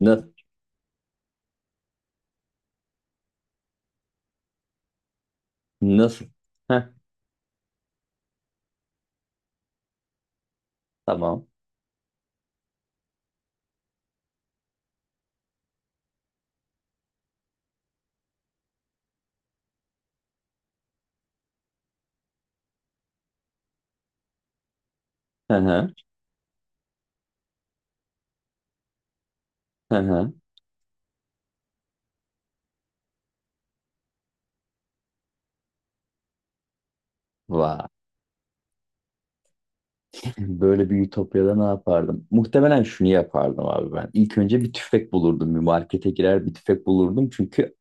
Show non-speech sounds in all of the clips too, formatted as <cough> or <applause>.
Na- Nasıl? Heh, tamam. Hı hı. Hı hı. Vay. Böyle bir ütopyada ne yapardım? Muhtemelen şunu yapardım abi ben. İlk önce bir tüfek bulurdum. Bir markete girer bir tüfek bulurdum. Çünkü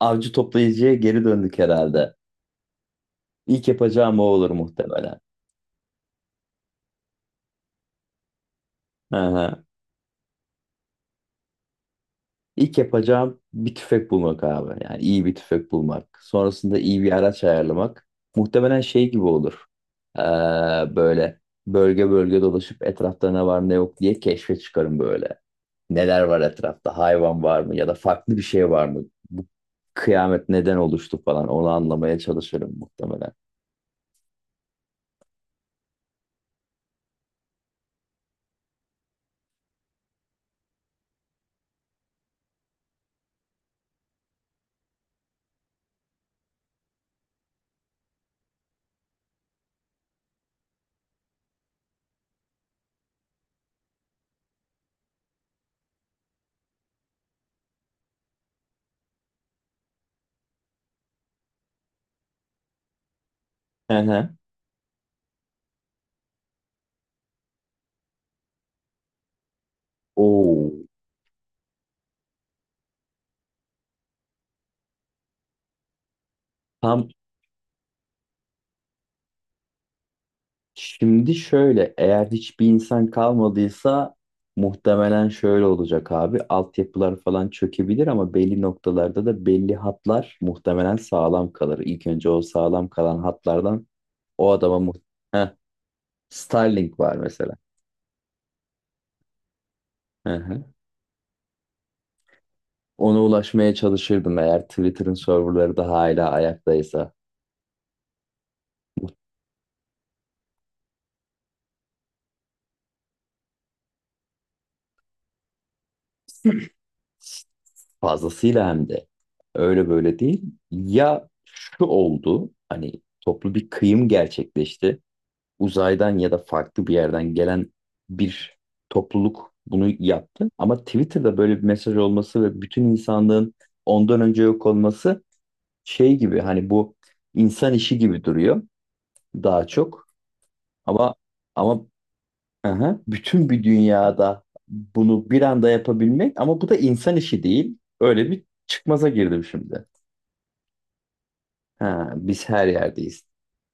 avcı toplayıcıya geri döndük herhalde. İlk yapacağım o olur muhtemelen. Hı hı. İlk yapacağım bir tüfek bulmak abi. Yani iyi bir tüfek bulmak. Sonrasında iyi bir araç ayarlamak. Muhtemelen şey gibi olur. Ee, Böyle bölge bölge dolaşıp etrafta ne var ne yok diye keşfe çıkarım böyle. Neler var etrafta? Hayvan var mı? Ya da farklı bir şey var mı? Bu kıyamet neden oluştu falan. Onu anlamaya çalışırım muhtemelen. Hı hı. Oo. Tam Şimdi şöyle, eğer hiçbir insan kalmadıysa muhtemelen şöyle olacak abi. Altyapılar falan çökebilir ama belli noktalarda da belli hatlar muhtemelen sağlam kalır. İlk önce o sağlam kalan hatlardan o adama muht Heh, Starlink var mesela. Hı hı. Ona ulaşmaya çalışırdım eğer Twitter'ın serverları da hala ayaktaysa. Fazlasıyla hem de. Öyle böyle değil. Ya şu oldu, hani toplu bir kıyım gerçekleşti. Uzaydan ya da farklı bir yerden gelen bir topluluk bunu yaptı. Ama Twitter'da böyle bir mesaj olması ve bütün insanlığın ondan önce yok olması şey gibi hani bu insan işi gibi duruyor daha çok. Ama ama aha, bütün bir dünyada bunu bir anda yapabilmek ama bu da insan işi değil. Öyle bir çıkmaza girdim şimdi. Ha, biz her yerdeyiz.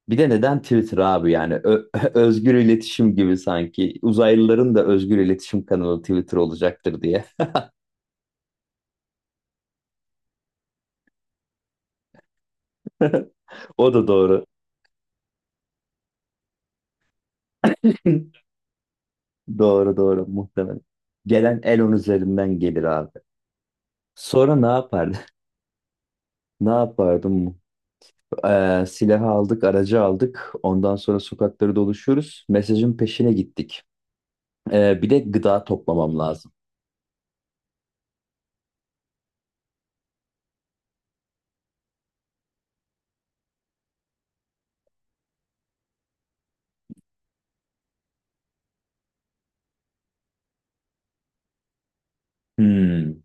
Bir de neden Twitter abi yani <laughs> özgür iletişim gibi sanki uzaylıların da özgür iletişim kanalı Twitter olacaktır diye. O da doğru. <laughs> Doğru muhtemelen. Gelen Elon üzerinden gelir abi. Sonra ne yapardı? <laughs> Ne yapardım? Silahı aldık, aracı aldık. Ondan sonra sokakları doluşuyoruz. Mesajın peşine gittik. Bir de gıda toplamam lazım. Hmm.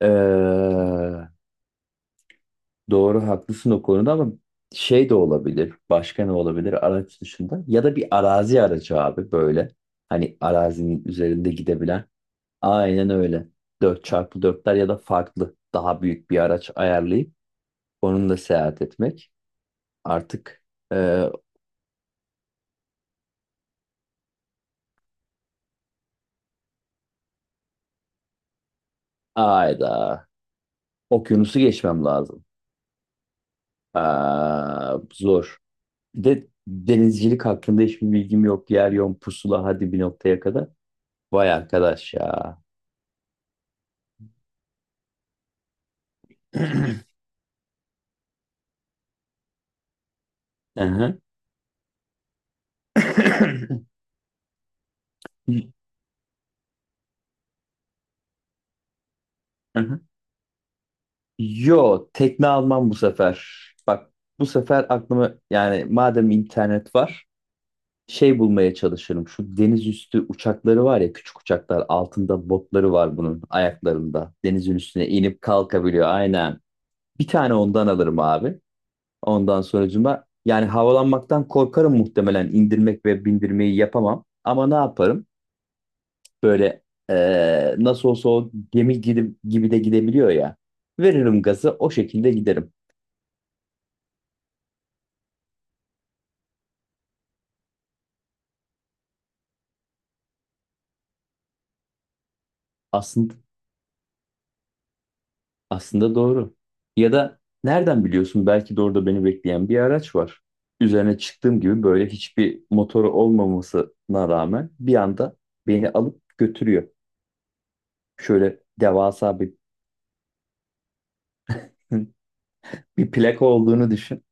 Ee, Doğru haklısın o konuda ama şey de olabilir. Başka ne olabilir araç dışında? Ya da bir arazi aracı abi böyle. Hani arazinin üzerinde gidebilen. Aynen öyle. Dört çarpı dörtler ya da farklı daha büyük bir araç ayarlayıp onunla seyahat etmek. Artık e, Ayda okyanusu geçmem lazım. Aa, zor. Bir de denizcilik hakkında hiçbir bilgim yok. Yer yön pusula hadi bir noktaya kadar. Vay arkadaş ya. <clears throat> Aha. <laughs> Aha. Yo, tekne almam bu sefer. Bak bu sefer aklıma yani madem internet var şey bulmaya çalışırım. Şu deniz üstü uçakları var ya küçük uçaklar altında botları var bunun ayaklarında. Denizin üstüne inip kalkabiliyor aynen. Bir tane ondan alırım abi. Ondan sonracıma yani havalanmaktan korkarım muhtemelen indirmek ve bindirmeyi yapamam. Ama ne yaparım? Böyle nasıl olsa o gemi gibi de gidebiliyor ya. Veririm gazı o şekilde giderim. Aslında aslında doğru. Ya da nereden biliyorsun belki de orada beni bekleyen bir araç var. Üzerine çıktığım gibi böyle hiçbir motoru olmamasına rağmen bir anda beni alıp götürüyor. Şöyle devasa bir <laughs> bir plaka olduğunu düşün.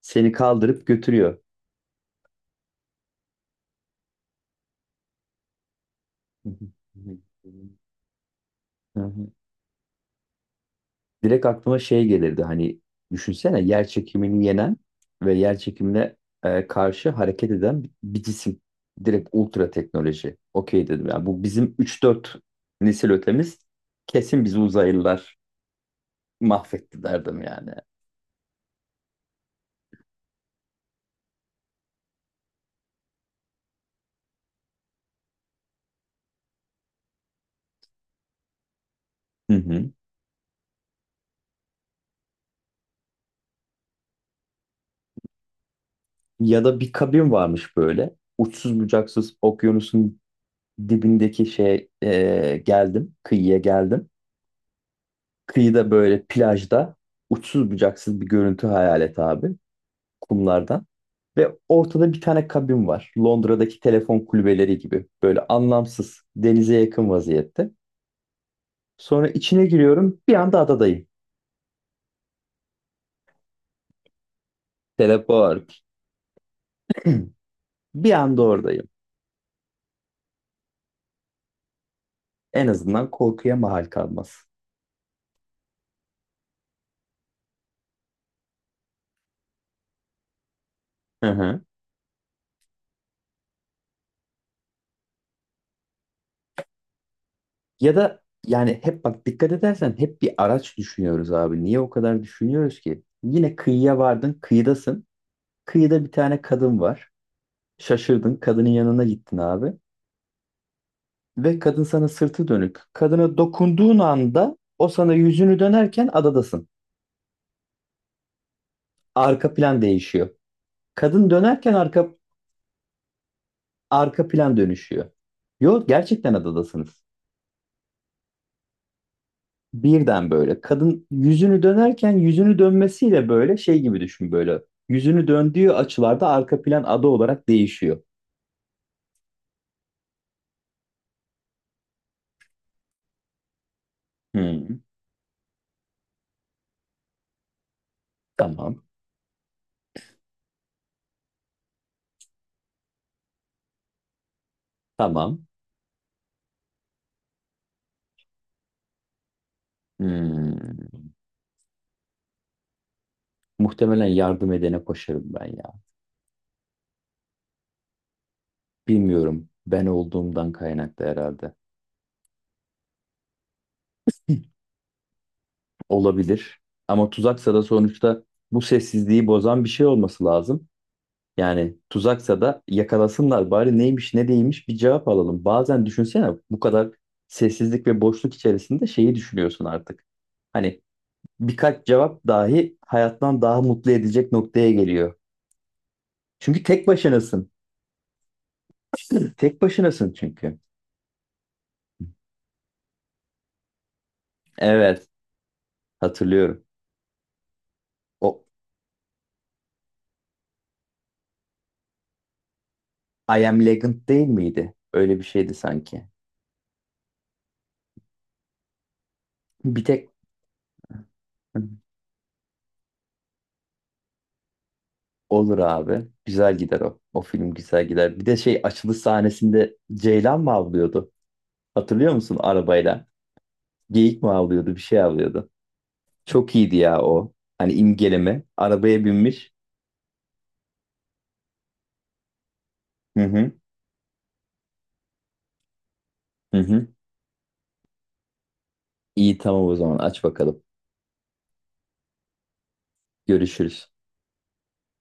Seni kaldırıp götürüyor. <laughs> Direkt aklıma şey gelirdi hani düşünsene yer çekimini yenen ve yer çekimine karşı hareket eden bir cisim. Direkt ultra teknoloji. Okey dedim. Yani bu bizim üç dört nesil ötemiz kesin bizi uzaylılar mahvetti derdim yani. Hı hı. Ya da bir kabin varmış böyle. Uçsuz bucaksız okyanusun dibindeki şey geldim. Kıyıya geldim. Kıyıda böyle plajda uçsuz bucaksız bir görüntü hayal et abi. Kumlardan. Ve ortada bir tane kabin var. Londra'daki telefon kulübeleri gibi. Böyle anlamsız, denize yakın vaziyette. Sonra içine giriyorum, bir anda adadayım. Teleport. Bir anda oradayım. En azından korkuya mahal kalmaz. Hı hı. Ya da yani hep bak dikkat edersen hep bir araç düşünüyoruz abi. Niye o kadar düşünüyoruz ki? Yine kıyıya vardın, kıyıdasın. Kıyıda bir tane kadın var. Şaşırdın, kadının yanına gittin abi. Ve kadın sana sırtı dönük. Kadına dokunduğun anda o sana yüzünü dönerken adadasın. Arka plan değişiyor. Kadın dönerken arka plan dönüşüyor. Yok gerçekten adadasınız. Birden böyle. Kadın yüzünü dönerken yüzünü dönmesiyle böyle şey gibi düşün böyle. Yüzünü döndüğü açılarda arka plan ada olarak değişiyor. Hmm, tamam. Tamam. Hmm. Muhtemelen yardım edene koşarım ben ya. Bilmiyorum. Ben olduğumdan kaynaklı herhalde. Olabilir. Ama tuzaksa da sonuçta bu sessizliği bozan bir şey olması lazım. Yani tuzaksa da yakalasınlar bari neymiş ne değilmiş bir cevap alalım. Bazen düşünsene bu kadar sessizlik ve boşluk içerisinde şeyi düşünüyorsun artık. Hani birkaç cevap dahi hayattan daha mutlu edecek noktaya geliyor. Çünkü tek başınasın. <clears throat> Tek başınasın çünkü. Evet, hatırlıyorum. O I Am Legend değil miydi? Öyle bir şeydi sanki. Bir tek olur abi. Güzel gider o. O film güzel gider. Bir de şey açılış sahnesinde Ceylan mı avlıyordu? Hatırlıyor musun arabayla? Geyik mi avlıyordu? Bir şey avlıyordu. Çok iyiydi ya o. Hani imgeleme. Arabaya binmiş. Hı hı. Hı hı. İyi tamam o zaman aç bakalım. Görüşürüz.